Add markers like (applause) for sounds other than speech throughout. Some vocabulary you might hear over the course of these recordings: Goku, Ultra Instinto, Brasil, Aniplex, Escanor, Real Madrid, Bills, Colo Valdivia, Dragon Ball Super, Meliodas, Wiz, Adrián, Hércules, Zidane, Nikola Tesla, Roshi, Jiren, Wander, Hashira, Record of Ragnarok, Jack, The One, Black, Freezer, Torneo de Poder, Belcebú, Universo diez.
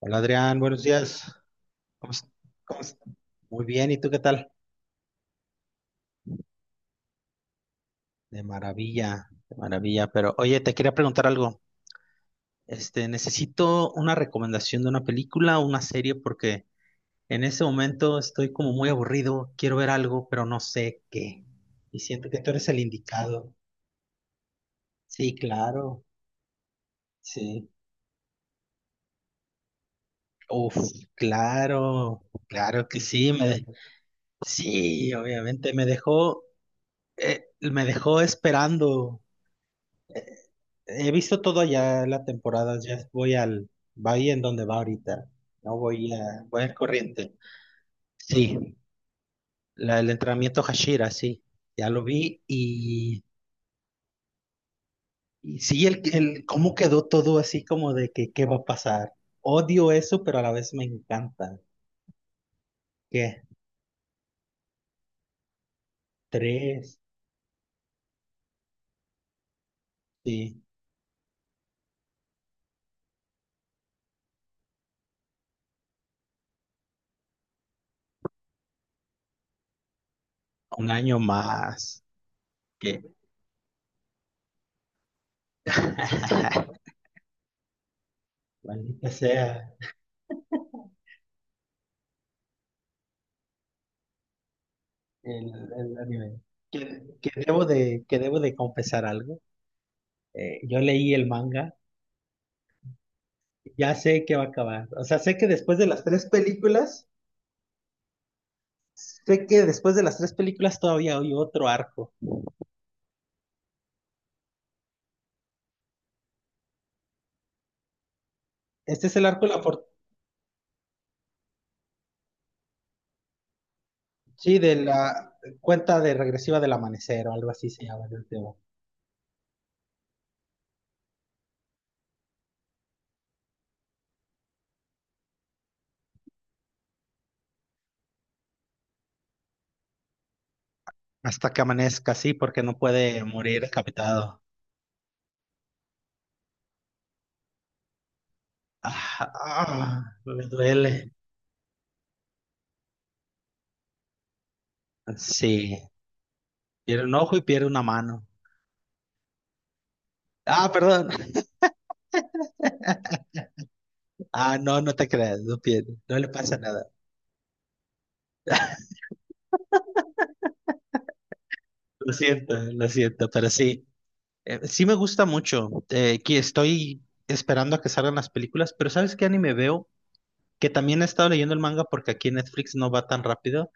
Hola Adrián, buenos días. ¿Cómo es- cómo es- Muy bien, ¿y tú qué tal? De maravilla, de maravilla. Pero oye, te quería preguntar algo. Este, necesito una recomendación de una película o una serie porque en ese momento estoy como muy aburrido, quiero ver algo, pero no sé qué. Y siento que tú eres el indicado. Sí, claro, sí. Uf, claro, claro que sí. Sí, obviamente me dejó esperando. eh, He visto todo ya la temporada, va ahí en donde va ahorita. No voy a, voy al corriente. Sí, el entrenamiento Hashira, sí, ya lo vi y sí, el cómo quedó todo así como de que qué va a pasar. Odio eso, pero a la vez me encanta. ¿Qué? Tres, sí, un año más. ¿Qué? (laughs) Maldita sea el, el anime. Que debo de confesar algo. Yo leí el manga. Ya sé que va a acabar. O sea, sé que después de las tres películas, sé que después de las tres películas todavía hay otro arco. Este es el arco de la. Sí, de la cuenta de regresiva del amanecer o algo así se llama el tema. Hasta que amanezca, sí, porque no puede morir decapitado. Ah, ah, me duele. Sí, pierde un ojo y pierde una mano. Ah, perdón. (laughs) Ah, no, no te creas, no pierde, no le pasa nada. Lo siento, pero sí. Sí me gusta mucho, que estoy esperando a que salgan las películas, pero ¿sabes qué anime veo? Que también he estado leyendo el manga porque aquí en Netflix no va tan rápido.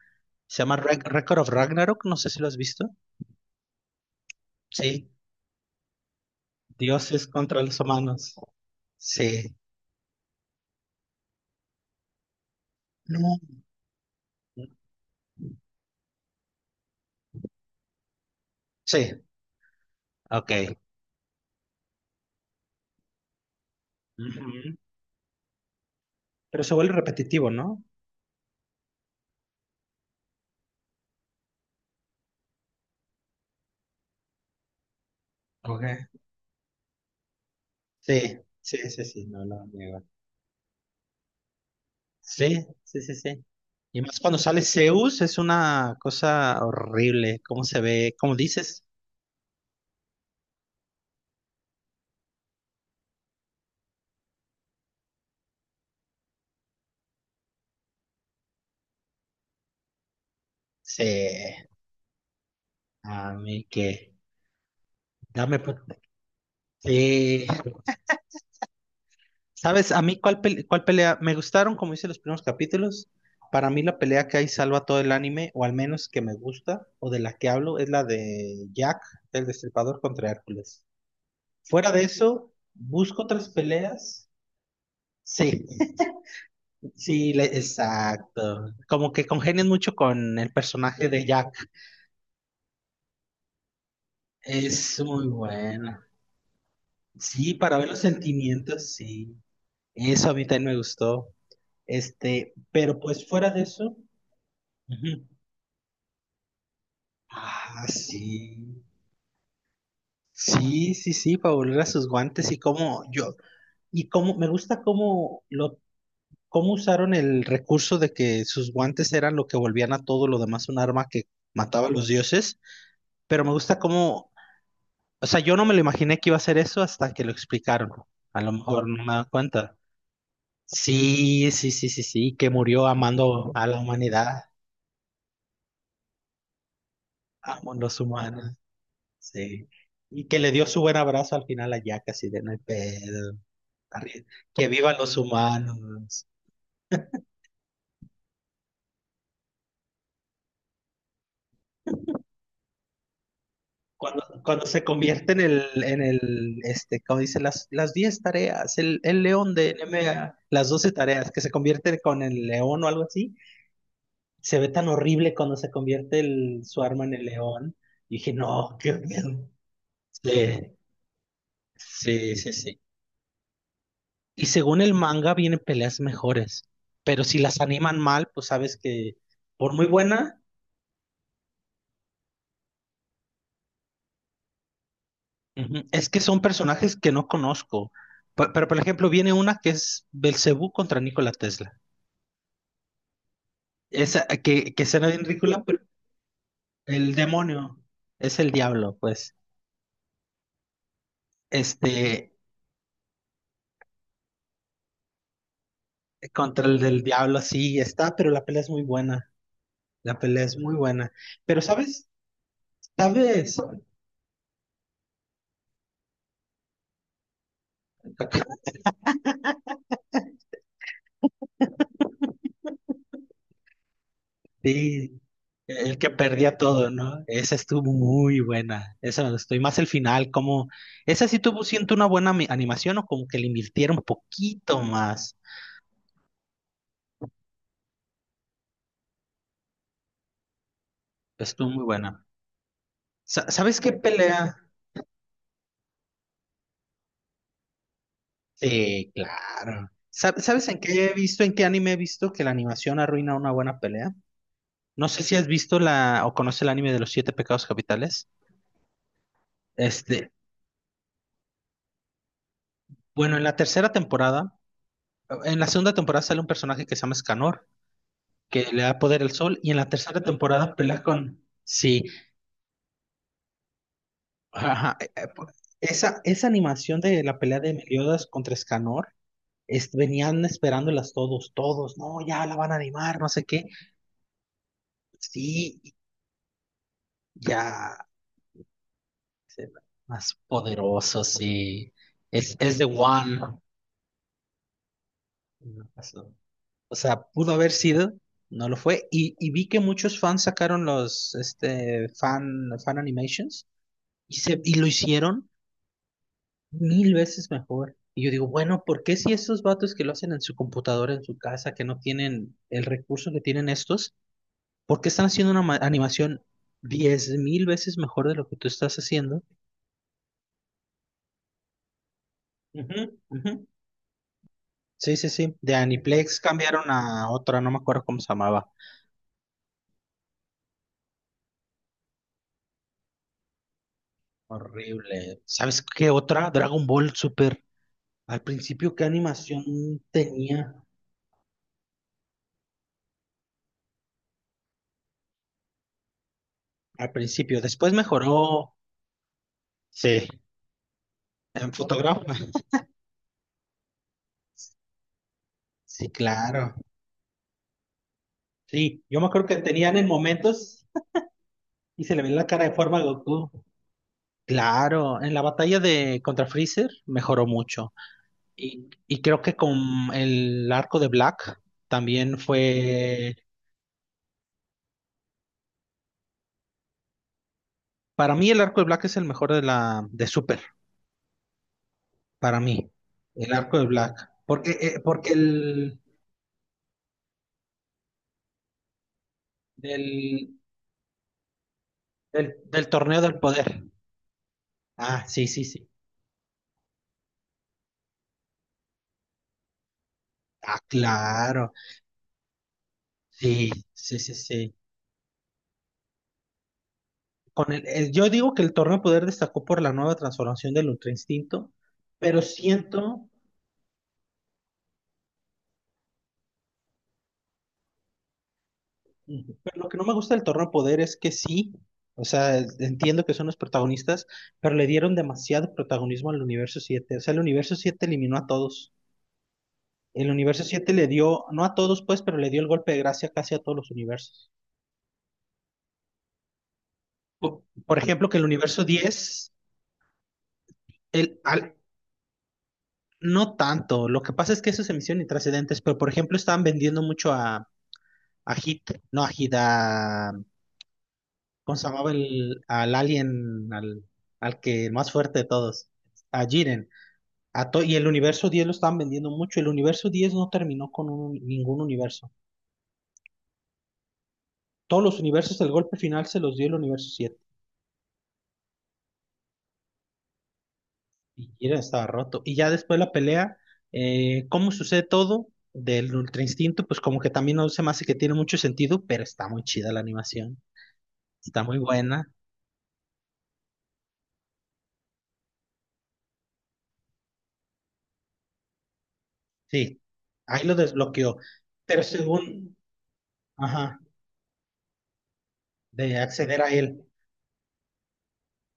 Se llama Record of Ragnarok, no sé si lo has visto. Sí, dioses contra los humanos. Sí. No. Sí, ok. Ujú. Pero se vuelve repetitivo, ¿no? Ok. Sí, sí, sí, sí, no lo niego. Sí, sí, sí, sí. Y más cuando sale Zeus, es una cosa horrible, cómo se ve. ¿Cómo dices? Sí, a mí que. Dame. Pues, eh, ¿sabes? A mí, ¿cuál pelea? Me gustaron, como hice los primeros capítulos. Para mí, la pelea que hay salva todo el anime, o al menos que me gusta, o de la que hablo, es la de Jack, el Destripador contra Hércules. Fuera de eso, busco otras peleas. Sí, sí, exacto. Como que congenian mucho con el personaje de Jack. Es muy buena. Sí, para ver los sentimientos, sí. Eso a mí también me gustó. Este, pero pues fuera de eso. Ujú. Ah, sí. Sí, sí, sí, para volver a sus guantes y cómo yo. Y cómo me gusta cómo cómo usaron el recurso de que sus guantes eran lo que volvían a todo lo demás un arma que mataba a los dioses. Pero me gusta cómo. O sea, yo no me lo imaginé que iba a ser eso hasta que lo explicaron. A lo mejor no me da cuenta. Sí, sí, sí, sí, sí, que murió amando a la humanidad. Amo a los humanos. Sí. Y que le dio su buen abrazo al final a Jack, así de no hay pedo. arri- Que vivan los humanos. Cuando se convierte en el, como dice, las 10 tareas, el león de NMA, las 12 tareas, que se convierte con el león o algo así, se ve tan horrible cuando se convierte el, su arma en el león. Y dije, no, qué miedo. Sí, sí, sí, sí. Y según el manga vienen peleas mejores, pero si las animan mal, pues sabes que por muy buena, ujú, es que son personajes que no conozco. Pero, por ejemplo, viene una que es Belcebú contra Nikola Tesla. Esa que será bien ridícula, pero el demonio es el diablo, pues. Este, contra el del diablo, sí, está, pero la pelea es muy buena. La pelea es muy buena. Pero, ¿sabes? ¿Sabes? (laughs) Sí, el que perdía todo, ¿no? Esa estuvo muy buena. Esa me gustó. Y más el final, como. Esa sí tuvo, siento, una buena animación o como que le invirtieron un poquito más. Estuvo muy buena. ¿Sabes qué pelea? Sí, claro. ¿Sabes en qué he visto, en qué anime he visto que la animación arruina una buena pelea? No sé si has visto la o conoces el anime de los siete pecados capitales. Este, bueno, en la tercera temporada, en la segunda temporada sale un personaje que se llama Escanor, que le da poder al sol, y en la tercera temporada peleas con... Sí, ajá, Esa animación de la pelea de Meliodas contra Escanor, venían esperándolas todos, todos, no, ya la van a animar, no sé qué. Sí, ya, se- más poderoso, sí. Es The One. No pasó. O sea, pudo haber sido, no lo fue. Y vi que muchos fans sacaron los fan, animations y lo hicieron mil veces mejor. Y yo digo, bueno, ¿por qué si esos vatos que lo hacen en su computadora, en su casa, que no tienen el recurso que tienen estos, ¿por qué están haciendo una animación 10,000 veces mejor de lo que tú estás haciendo? Ujú, ujú. Sí, sí, sí. De Aniplex cambiaron a otra, no me acuerdo cómo se llamaba. Horrible. ¿Sabes qué otra? Dragon Ball Super. Al principio, ¿qué animación tenía? Al principio, después mejoró. Sí, en fotograma. Sí, claro. Sí, yo me acuerdo que tenían en momentos y se le ve la cara de forma a Goku. Claro, en la batalla de contra Freezer mejoró mucho. Y creo que con el arco de Black también fue. Para mí, el arco de Black es el mejor de la de Super. Para mí, el arco de Black. Porque, porque el del, del torneo del poder. Ah, sí, sí, sí. Ah, claro. Sí, sí, sí, sí. Yo digo que el Torneo de Poder destacó por la nueva transformación del Ultra Instinto, pero siento. Ujú. Pero lo que no me gusta del Torneo de Poder es que sí, o sea, entiendo que son los protagonistas, pero le dieron demasiado protagonismo al Universo 7. O sea, el Universo 7 eliminó a todos. El Universo 7 le dio, no a todos pues, pero le dio el golpe de gracia casi a todos los universos. Por, ejemplo, que el Universo 10 el, al- no tanto, lo que pasa es que eso se emisión y trascendentes, pero por ejemplo estaban vendiendo mucho a Agit, no agita, ¿cómo se llamaba al alien, al que el más fuerte de todos? A Jiren. Y el universo 10 lo estaban vendiendo mucho. El universo 10 no terminó con ningún universo. Todos los universos, el golpe final se los dio el universo 7. Y Jiren estaba roto. Y ya después de la pelea, ¿cómo sucede todo? Del Ultra Instinto, pues como que también no se me hace que tiene mucho sentido, pero está muy chida la animación. Está muy buena. Sí, ahí lo desbloqueó. Pero según... Ajá. De acceder a él.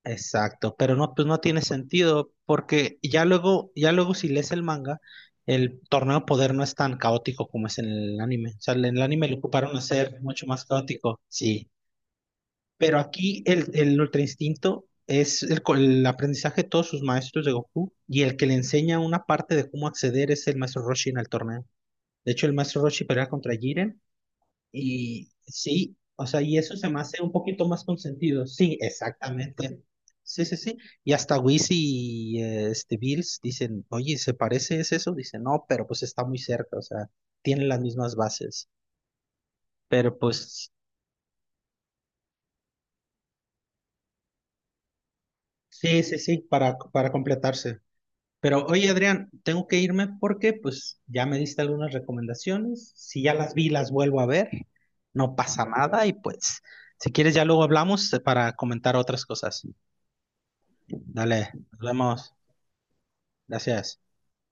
Exacto, pero no, pues no tiene sentido porque ya luego si lees el manga, el torneo de poder no es tan caótico como es en el anime. O sea, en el anime lo ocuparon a ser mucho más caótico, sí. Pero aquí el Ultra Instinto es el aprendizaje de todos sus maestros de Goku y el que le enseña una parte de cómo acceder es el maestro Roshi en el torneo. De hecho, el maestro Roshi pelea contra Jiren. Y sí, o sea, y eso se me hace un poquito más consentido. Sí, exactamente. Sí, sí, sí. Y hasta Wiz y Bills dicen, oye, ¿se parece es eso? Dice, no, pero pues está muy cerca, o sea, tienen las mismas bases. Pero pues, sí, sí, sí, para completarse. Pero oye, Adrián, tengo que irme porque pues ya me diste algunas recomendaciones. Si ya las vi, las vuelvo a ver. No pasa nada y pues, si quieres ya luego hablamos para comentar otras cosas. Dale, nos vemos. Gracias.